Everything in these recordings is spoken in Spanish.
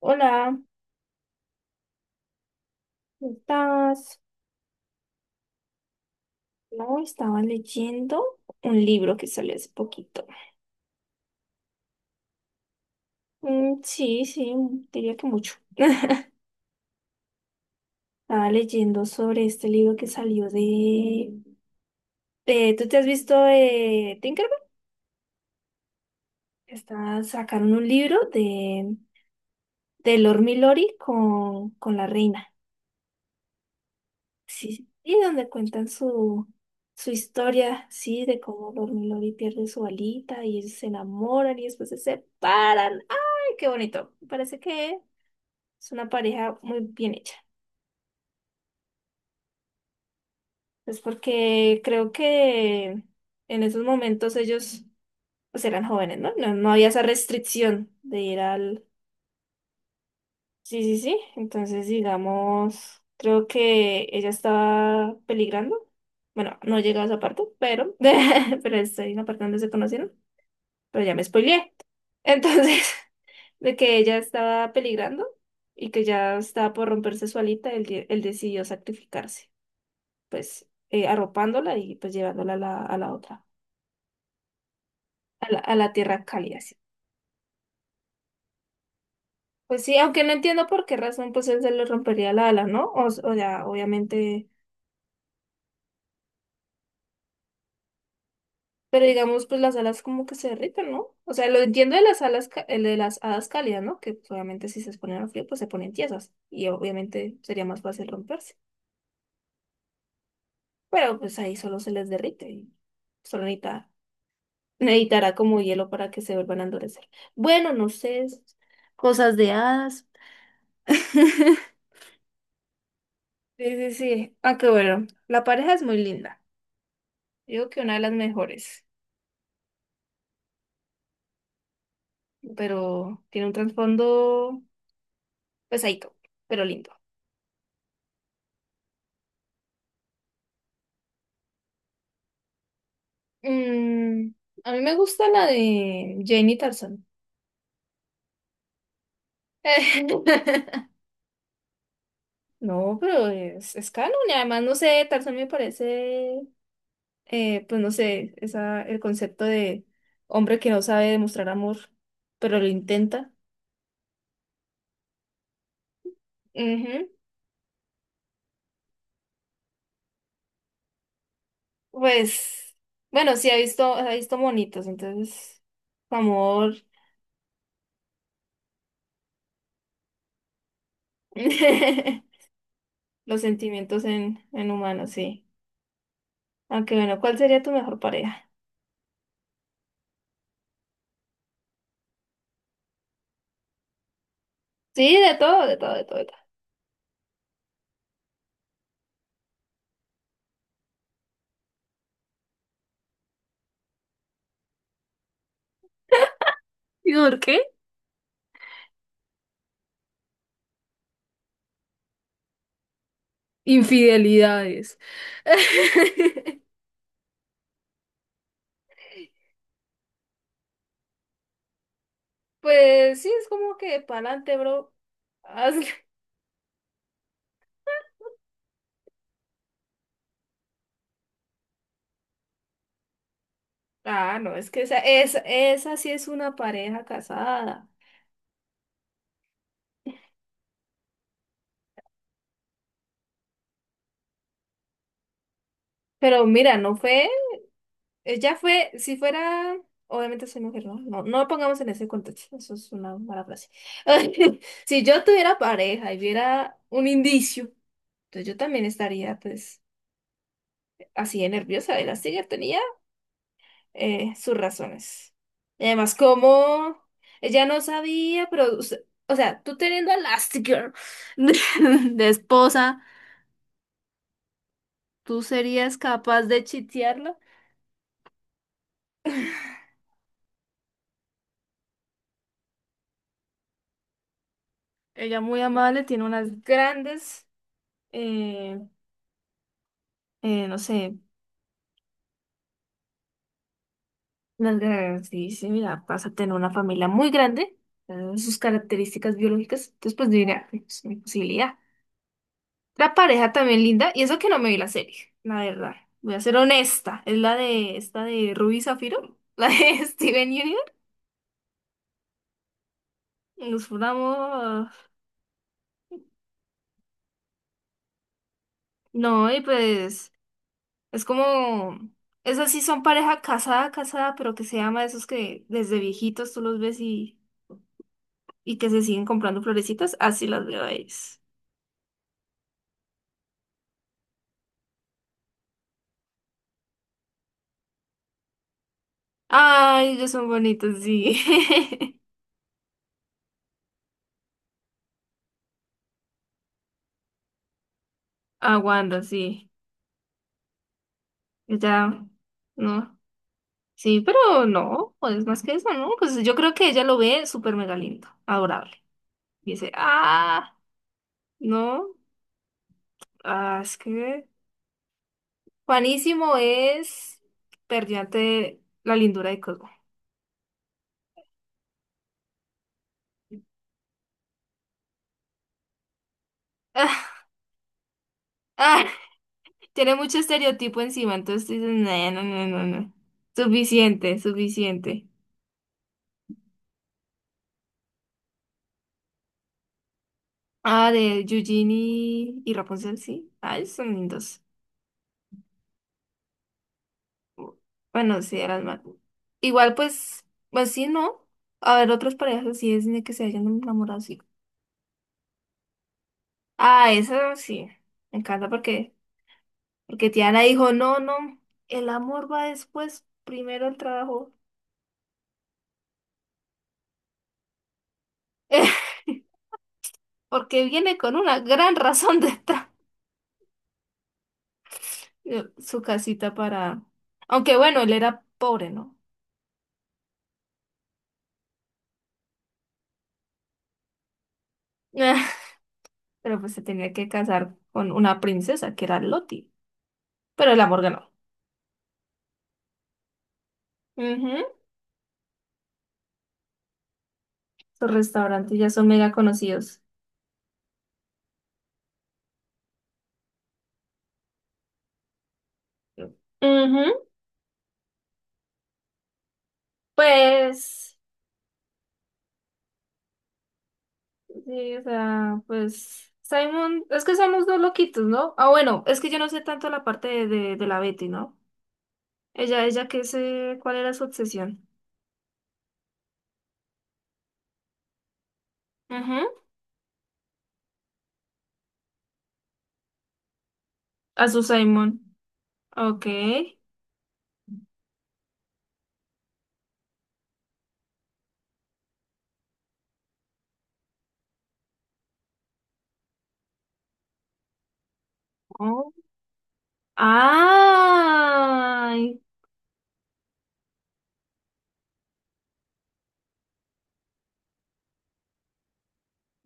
Hola, ¿cómo estás? No, estaba leyendo un libro que salió hace poquito. Sí, sí, diría que mucho. Estaba leyendo sobre este libro que salió ¿tú te has visto de Tinkerbell? Está, sacaron un libro de Lord Milori con la reina. Sí, y donde cuentan su historia, sí, de cómo dormilón y pierde su alita y ellos se enamoran y después se separan. ¡Ay, qué bonito! Me parece que es una pareja muy bien hecha. Es porque creo que en esos momentos ellos pues eran jóvenes, ¿no? No había esa restricción de ir al. Sí, sí, sí. Entonces, digamos, creo que ella estaba peligrando. Bueno, no he llegado a esa parte, pero, pero estoy en la parte donde se conocieron. Pero ya me spoileé. Entonces, de que ella estaba peligrando y que ya estaba por romperse su alita, él decidió sacrificarse, pues arropándola y pues llevándola a la otra, a la tierra cálida. Sí. Pues sí, aunque no entiendo por qué razón pues él se le rompería la ala, ¿no? O ya, obviamente. Pero digamos, pues las alas como que se derriten, ¿no? O sea, lo entiendo de las alas, el de las hadas cálidas, ¿no? Que pues, obviamente si se exponen al frío, pues se ponen tiesas. Y obviamente sería más fácil romperse. Pero pues ahí solo se les derrite. Y solo necesita, necesitará como hielo para que se vuelvan a endurecer. Bueno, no sé. Es Cosas de hadas. Sí, sí, sí. Aunque bueno, la pareja es muy linda. Digo que una de las mejores. Pero tiene un trasfondo pesadito, pero lindo. Mm, a mí me gusta la de Jane Tarzan. Tarzán. No, pero es canon y además, no sé, Tarzan me parece, pues no sé, esa, el concepto de hombre que no sabe demostrar amor, pero lo intenta. Ujú. Pues, bueno, sí, ha visto monitos, entonces, amor, los sentimientos en humanos, sí. Aunque bueno, ¿cuál sería tu mejor pareja? Sí, de todo, de todo, de todo, de todo. ¿Y por qué? Infidelidades. Pues sí, es como que pa'lante, bro. Hazle. Ah, no, es que esa sí es una pareja casada. Pero mira, ella fue, si fuera, obviamente soy mujer, no, no, no lo pongamos en ese contexto, eso es una mala frase. Si yo tuviera pareja y viera un indicio, entonces yo también estaría pues así de nerviosa, de la tenía. Sus razones. Y además, como ella no sabía, o sea, tú teniendo a Elastigirl de, de esposa, ¿tú serías capaz de chitearla? Ella muy amable, tiene unas grandes, eh, no sé, unas grandes, dice, mira, vas a tener una familia muy grande, sus características biológicas, entonces pues yo diría, "Ay, pues, mi posibilidad. La pareja también linda, y eso que no me vi la serie, la verdad. Voy a ser honesta, es la de esta de Ruby Zafiro, la de Steven Universe. Nos fundamos. No, y pues es como esas sí son pareja casada, casada, pero que se llama esos que desde viejitos tú los ves y que se siguen comprando florecitas, así las veo a ellos. Ay, ellos son bonitos, sí. Aguanta, sí. Ya, no. Sí, pero no, pues más que eso, ¿no? Pues yo creo que ella lo ve súper mega lindo, adorable. Y dice, ah, no, ah, es que Juanísimo es perdió ante la lindura de Cosmo. Ah, ah, tiene mucho estereotipo encima, entonces dices, no, no, no, no, no. Suficiente, suficiente. Ah, de Eugene y Rapunzel, sí. Ay, son lindos. Bueno, sí, eran más. Igual, pues, pues sí, ¿no? A ver, otras parejas así es de que se hayan enamorado así. Ah, esa sí. Me encanta porque Tiana dijo, no, no, el amor va después, primero el trabajo. Porque viene con una gran razón de estar su casita Aunque bueno, él era pobre, ¿no? Pero pues se tenía que casar con una princesa que era Loti. Pero el amor ganó. Ujú. Sus restaurantes ya son mega conocidos. Ujú. Pues, sí, o sea, pues Simon, es que somos dos loquitos, ¿no? Ah, bueno, es que yo no sé tanto la parte de la Betty, ¿no? Ella, ¿qué sé? ¿Cuál era su obsesión? Ujú. A su Simon. Ok. Oh. ¡Ay!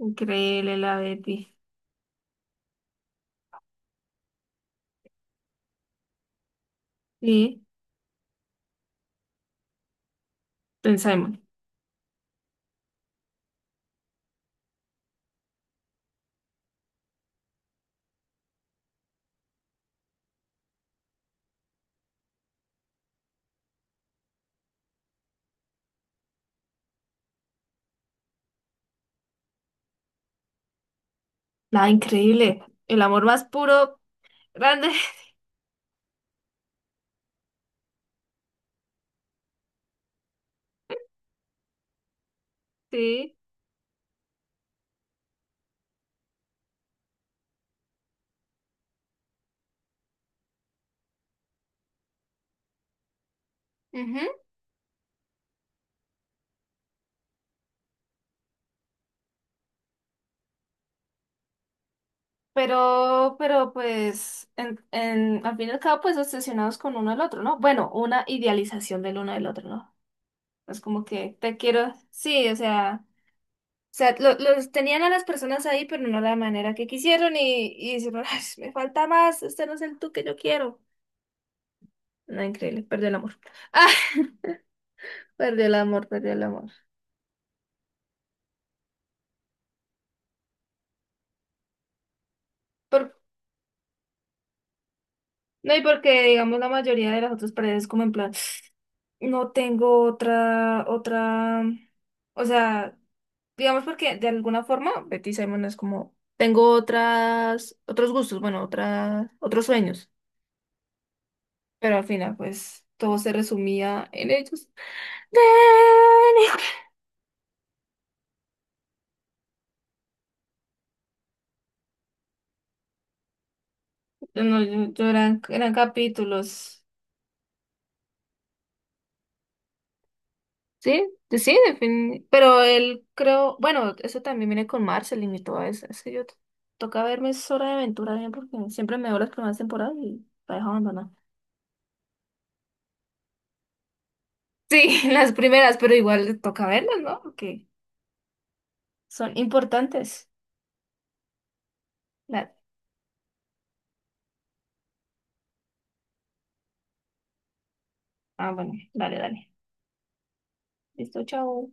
Increíble la Betty. Sí, en Simon. Nada, increíble. El amor más puro, grande. Sí. Pero pues, al fin y al cabo, pues obsesionados con uno al otro, ¿no? Bueno, una idealización del uno del otro, ¿no? Es como que te quiero, sí, o sea, lo- los tenían a las personas ahí, pero no la manera que quisieron y dijeron, "Ay, me falta más, este no es el tú que yo quiero. No, increíble, perdió el amor. Ah, perdió el amor, perdió el amor. Por- no, y porque, digamos, la mayoría de las otras paredes como en plan, no tengo otra, otra, o sea... Digamos porque de alguna forma Betty Simon es como, tengo otras, otros gustos, bueno, otras, otros sueños, pero al final pues todo se resumía en ellos. Ven. No, yo eran, eran capítulos, sí, sí, pero él creo, bueno, eso también viene con Marceline y todo eso, es que toca verme es Hora de Aventura bien porque siempre me veo las primeras temporadas y la dejo abandonada. Sí, las primeras, pero igual toca verlas, ¿no? Porque son importantes. Ah, bueno, dale, dale. Listo, chao.